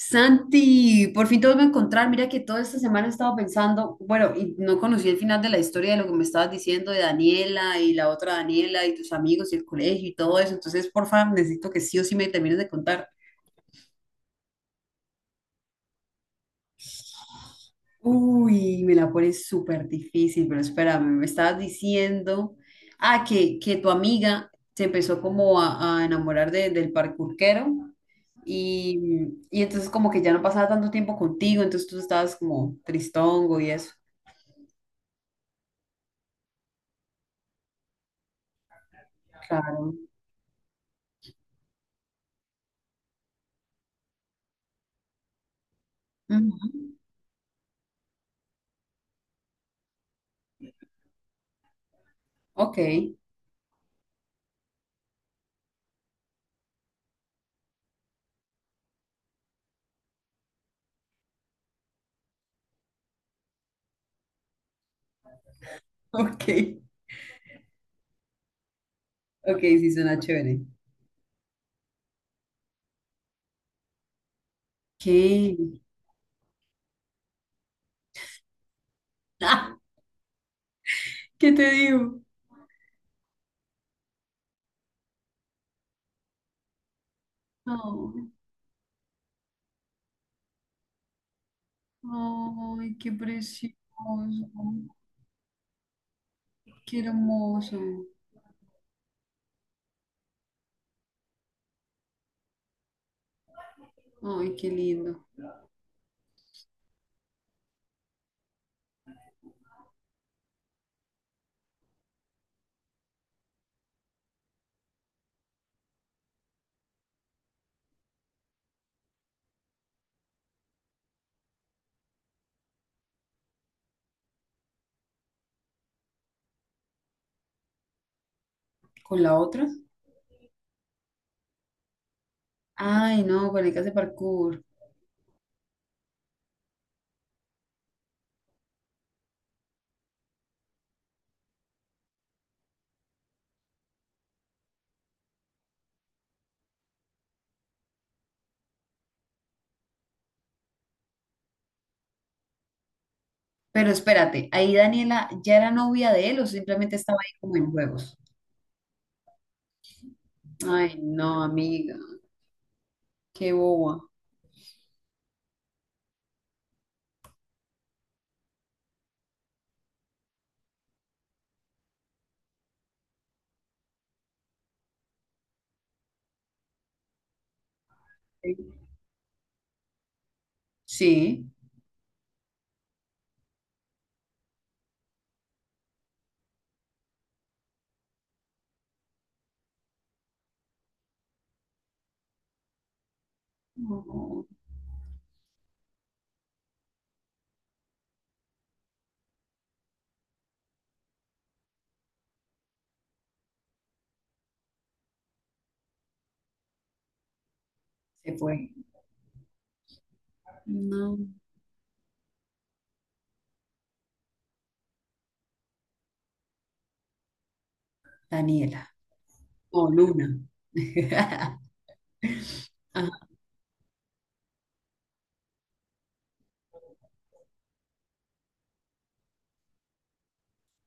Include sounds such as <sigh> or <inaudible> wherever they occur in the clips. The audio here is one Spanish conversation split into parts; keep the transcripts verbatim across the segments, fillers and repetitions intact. Santi, por fin te vuelvo a encontrar. Mira que toda esta semana he estado pensando, bueno, y no conocí el final de la historia de lo que me estabas diciendo de Daniela y la otra Daniela y tus amigos y el colegio y todo eso. Entonces, por favor, necesito que sí o sí me termines de contar. Uy, me la pones súper difícil, pero espérame, me estabas diciendo, ah, que, que tu amiga se empezó como a, a enamorar de- del parkourquero y, y entonces como que ya no pasaba tanto tiempo contigo, entonces tú estabas como tristongo y eso. Claro. Ujú. Ok, <laughs> ok, ok, sí suena chévere. ¿Qué? Ah, <laughs> ¿qué te digo? Oh, ay, qué precioso, qué hermoso, ay, qué lindo. ¿Con la otra? Ay, no, con el que hace parkour. Pero espérate, ahí Daniela ya era novia de él o simplemente estaba ahí como en juegos. Ay, no, amiga, qué boba. Sí. No, se fue. No, Daniela. No, Luna. <laughs> Ajá,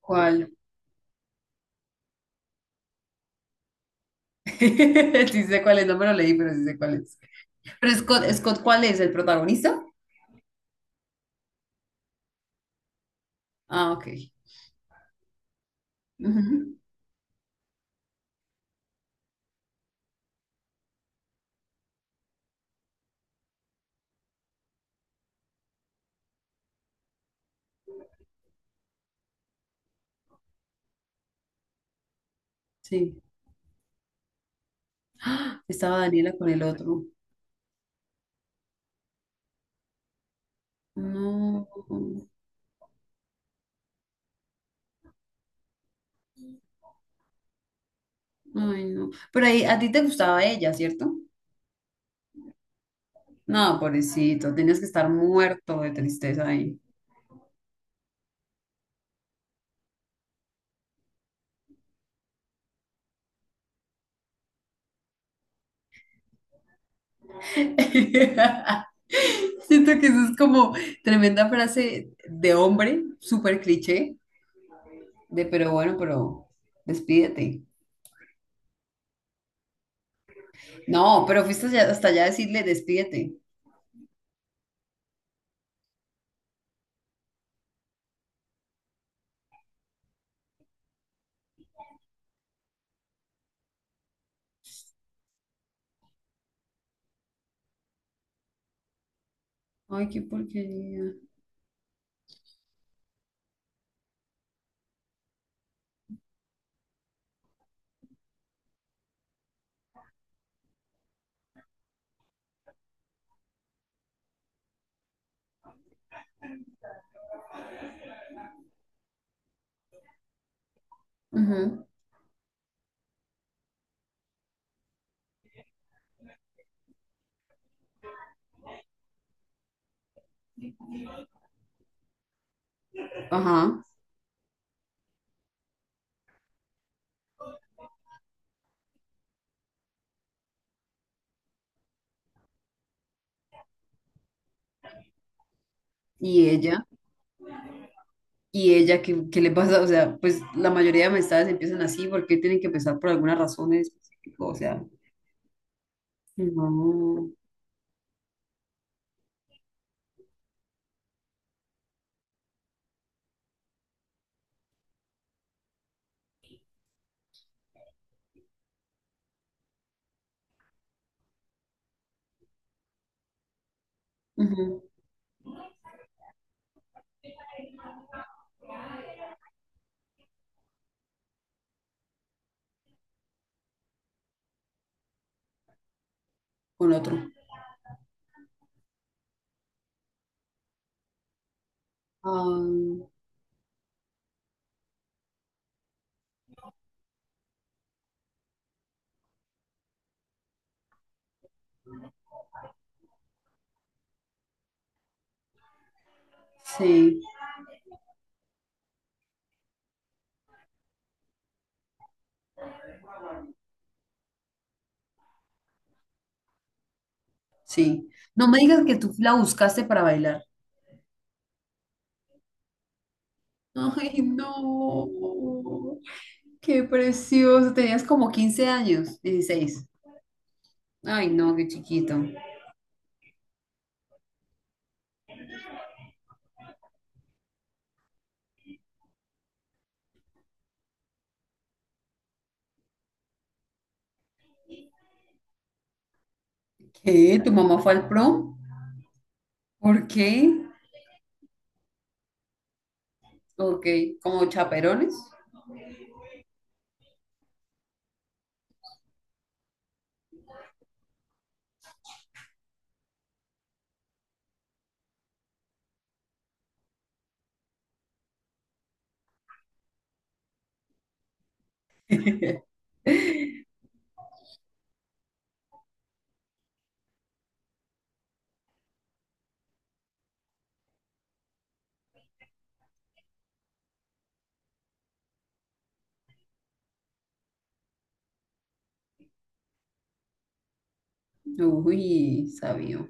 ¿cuál? <laughs> Sí sé cuál es, no me lo leí, pero sí sé cuál es. Pero Scott, Scott, ¿cuál es? ¿El protagonista? Ah, ok. Ujú. Sí. ¡Ah! Estaba Daniela con el otro. No, ay, no. Pero ahí, a ti te gustaba ella, ¿cierto? No, pobrecito, tenías que estar muerto de tristeza ahí. <laughs> Siento que eso es como tremenda frase de hombre, súper cliché, De, pero bueno, pero despídete. No, pero fuiste hasta allá- hasta allá a decirle despídete. Ay, qué porquería. Ajá. Ajá. Y ella, y ella, ¿qué, qué le pasa? O sea, pues la mayoría de amistades empiezan así porque tienen que empezar por alguna razón en específico. O sea, no. Ujú. Con otro. Ay, sí, sí. No me digas que tú la buscaste para bailar. Ay, no. Qué precioso. Tenías como quince años, dieciséis. Ay, no, qué chiquito. ¿Qué? ¿Tu mamá fue al prom? ¿Por qué? Ok, ¿como chaperones? <laughs> Uy, sabio.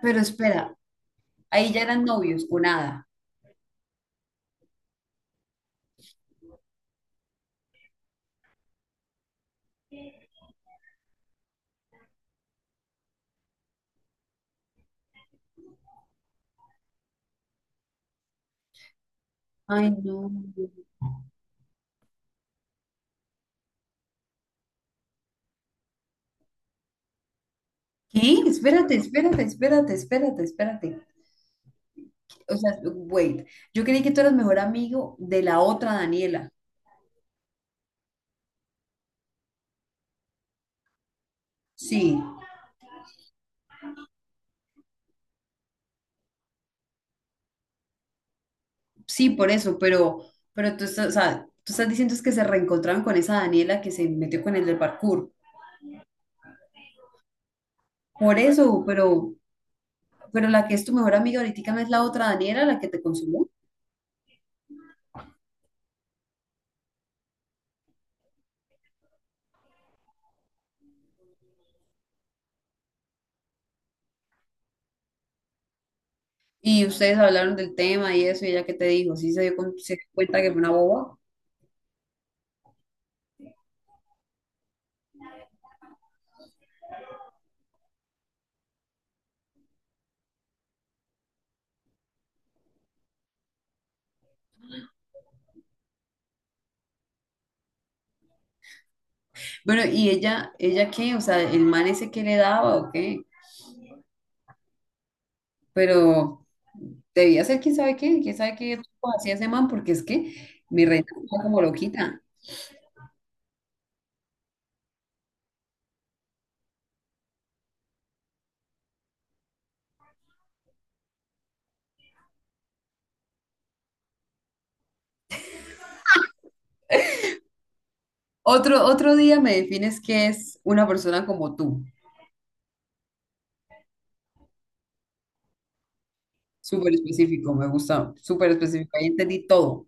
Pero espera, ahí ya eran novios o nada. Ay, no. ¿Qué? Espérate, espérate, espérate, espérate, espérate. O sea, wait. Yo creí que tú eras mejor amigo de la otra Daniela. Sí, sí, por eso, pero, pero tú estás, o sea, tú estás diciendo es que se reencontraron con esa Daniela que se metió con el del parkour. Por eso, pero Pero la que es tu mejor amiga ahorita no es la otra Daniela, la que te consumió. Y ustedes hablaron del tema y eso, y ella qué te dijo, sí se dio cuen- se dio cuenta que fue una boba. Bueno, ¿y ella, ella qué? O sea, el man ese que le daba o qué, pero debía ser quién sabe qué, quién sabe qué truco hacía ese man, porque es que mi reina estaba como loquita. Otro, otro día me defines qué es una persona como tú. Súper específico, me gusta, súper específico, ahí entendí todo.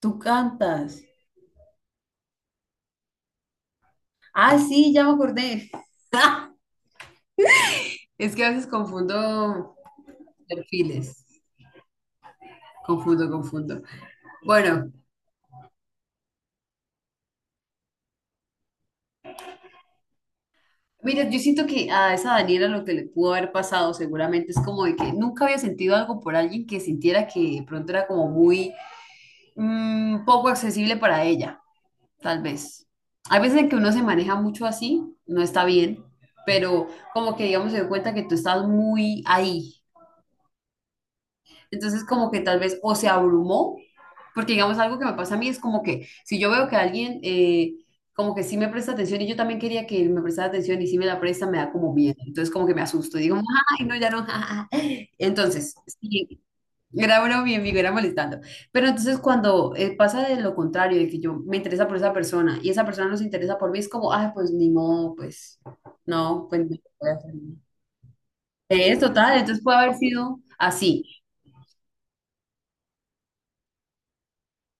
Tú cantas. Ah, sí, ya me acordé. <laughs> Es que a veces confundo perfiles. Confundo, confundo. Bueno, mira, yo siento que a esa Daniela lo que le pudo haber pasado seguramente es como de que nunca había sentido algo por alguien que sintiera que de pronto era como muy mm, poco accesible para ella, tal vez. Hay veces en que uno se maneja mucho así, no está bien, pero como que digamos se dio cuenta que tú estás muy ahí. Entonces como que tal vez o se abrumó, porque digamos algo que me pasa a mí es como que si yo veo que alguien eh, como que sí me presta atención y yo también quería que él me prestara atención y si me la presta me da como miedo, entonces como que me asusto y digo, ay, no, ya no. <laughs> Entonces, sí, era broma mi amigo, era molestando. Pero entonces cuando eh, pasa de lo contrario, de que yo me interesa por esa persona y esa persona no se interesa por mí, es como, ay, pues ni modo, pues no, pues no voy a hacer nada". Es total, entonces puede haber sido así,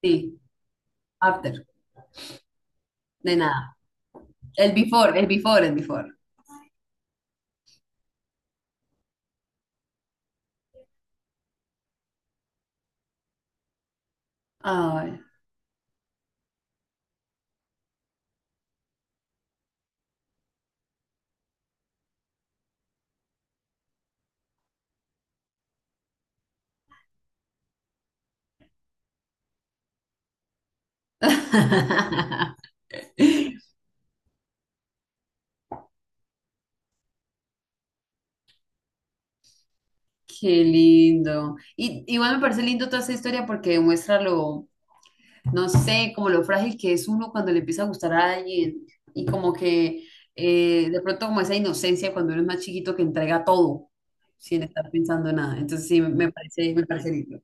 sí, after. De nada. El before, el before, el before. Ay. <laughs> Qué lindo. Y igual me parece lindo toda esa historia porque demuestra lo, no sé, como lo frágil que es uno cuando le empieza a gustar a alguien y como que eh, de pronto como esa inocencia cuando uno es más chiquito que entrega todo sin estar pensando en nada. Entonces sí, me parece, me parece lindo.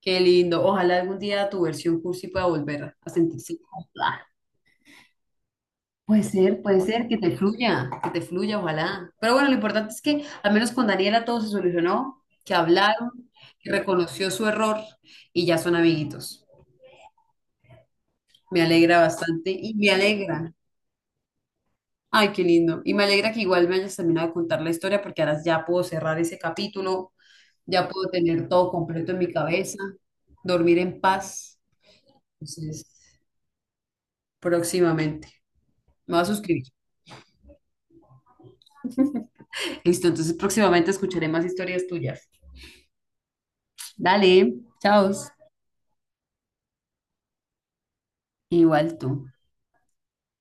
Qué lindo. Ojalá algún día tu versión cursi pueda volver a sentirse cómoda. Puede ser, puede ser que te fluya, que te fluya, ojalá. Pero bueno, lo importante es que al menos con Daniela todo se solucionó, que hablaron, que reconoció su error y ya son amiguitos. Me alegra bastante y me alegra. Ay, qué lindo. Y me alegra que igual me hayas terminado de contar la historia porque ahora ya puedo cerrar ese capítulo, ya puedo tener todo completo en mi cabeza, dormir en paz. Entonces, próximamente. Me voy a suscribir. Listo, entonces próximamente escucharé más historias tuyas. Dale, chao. Igual tú.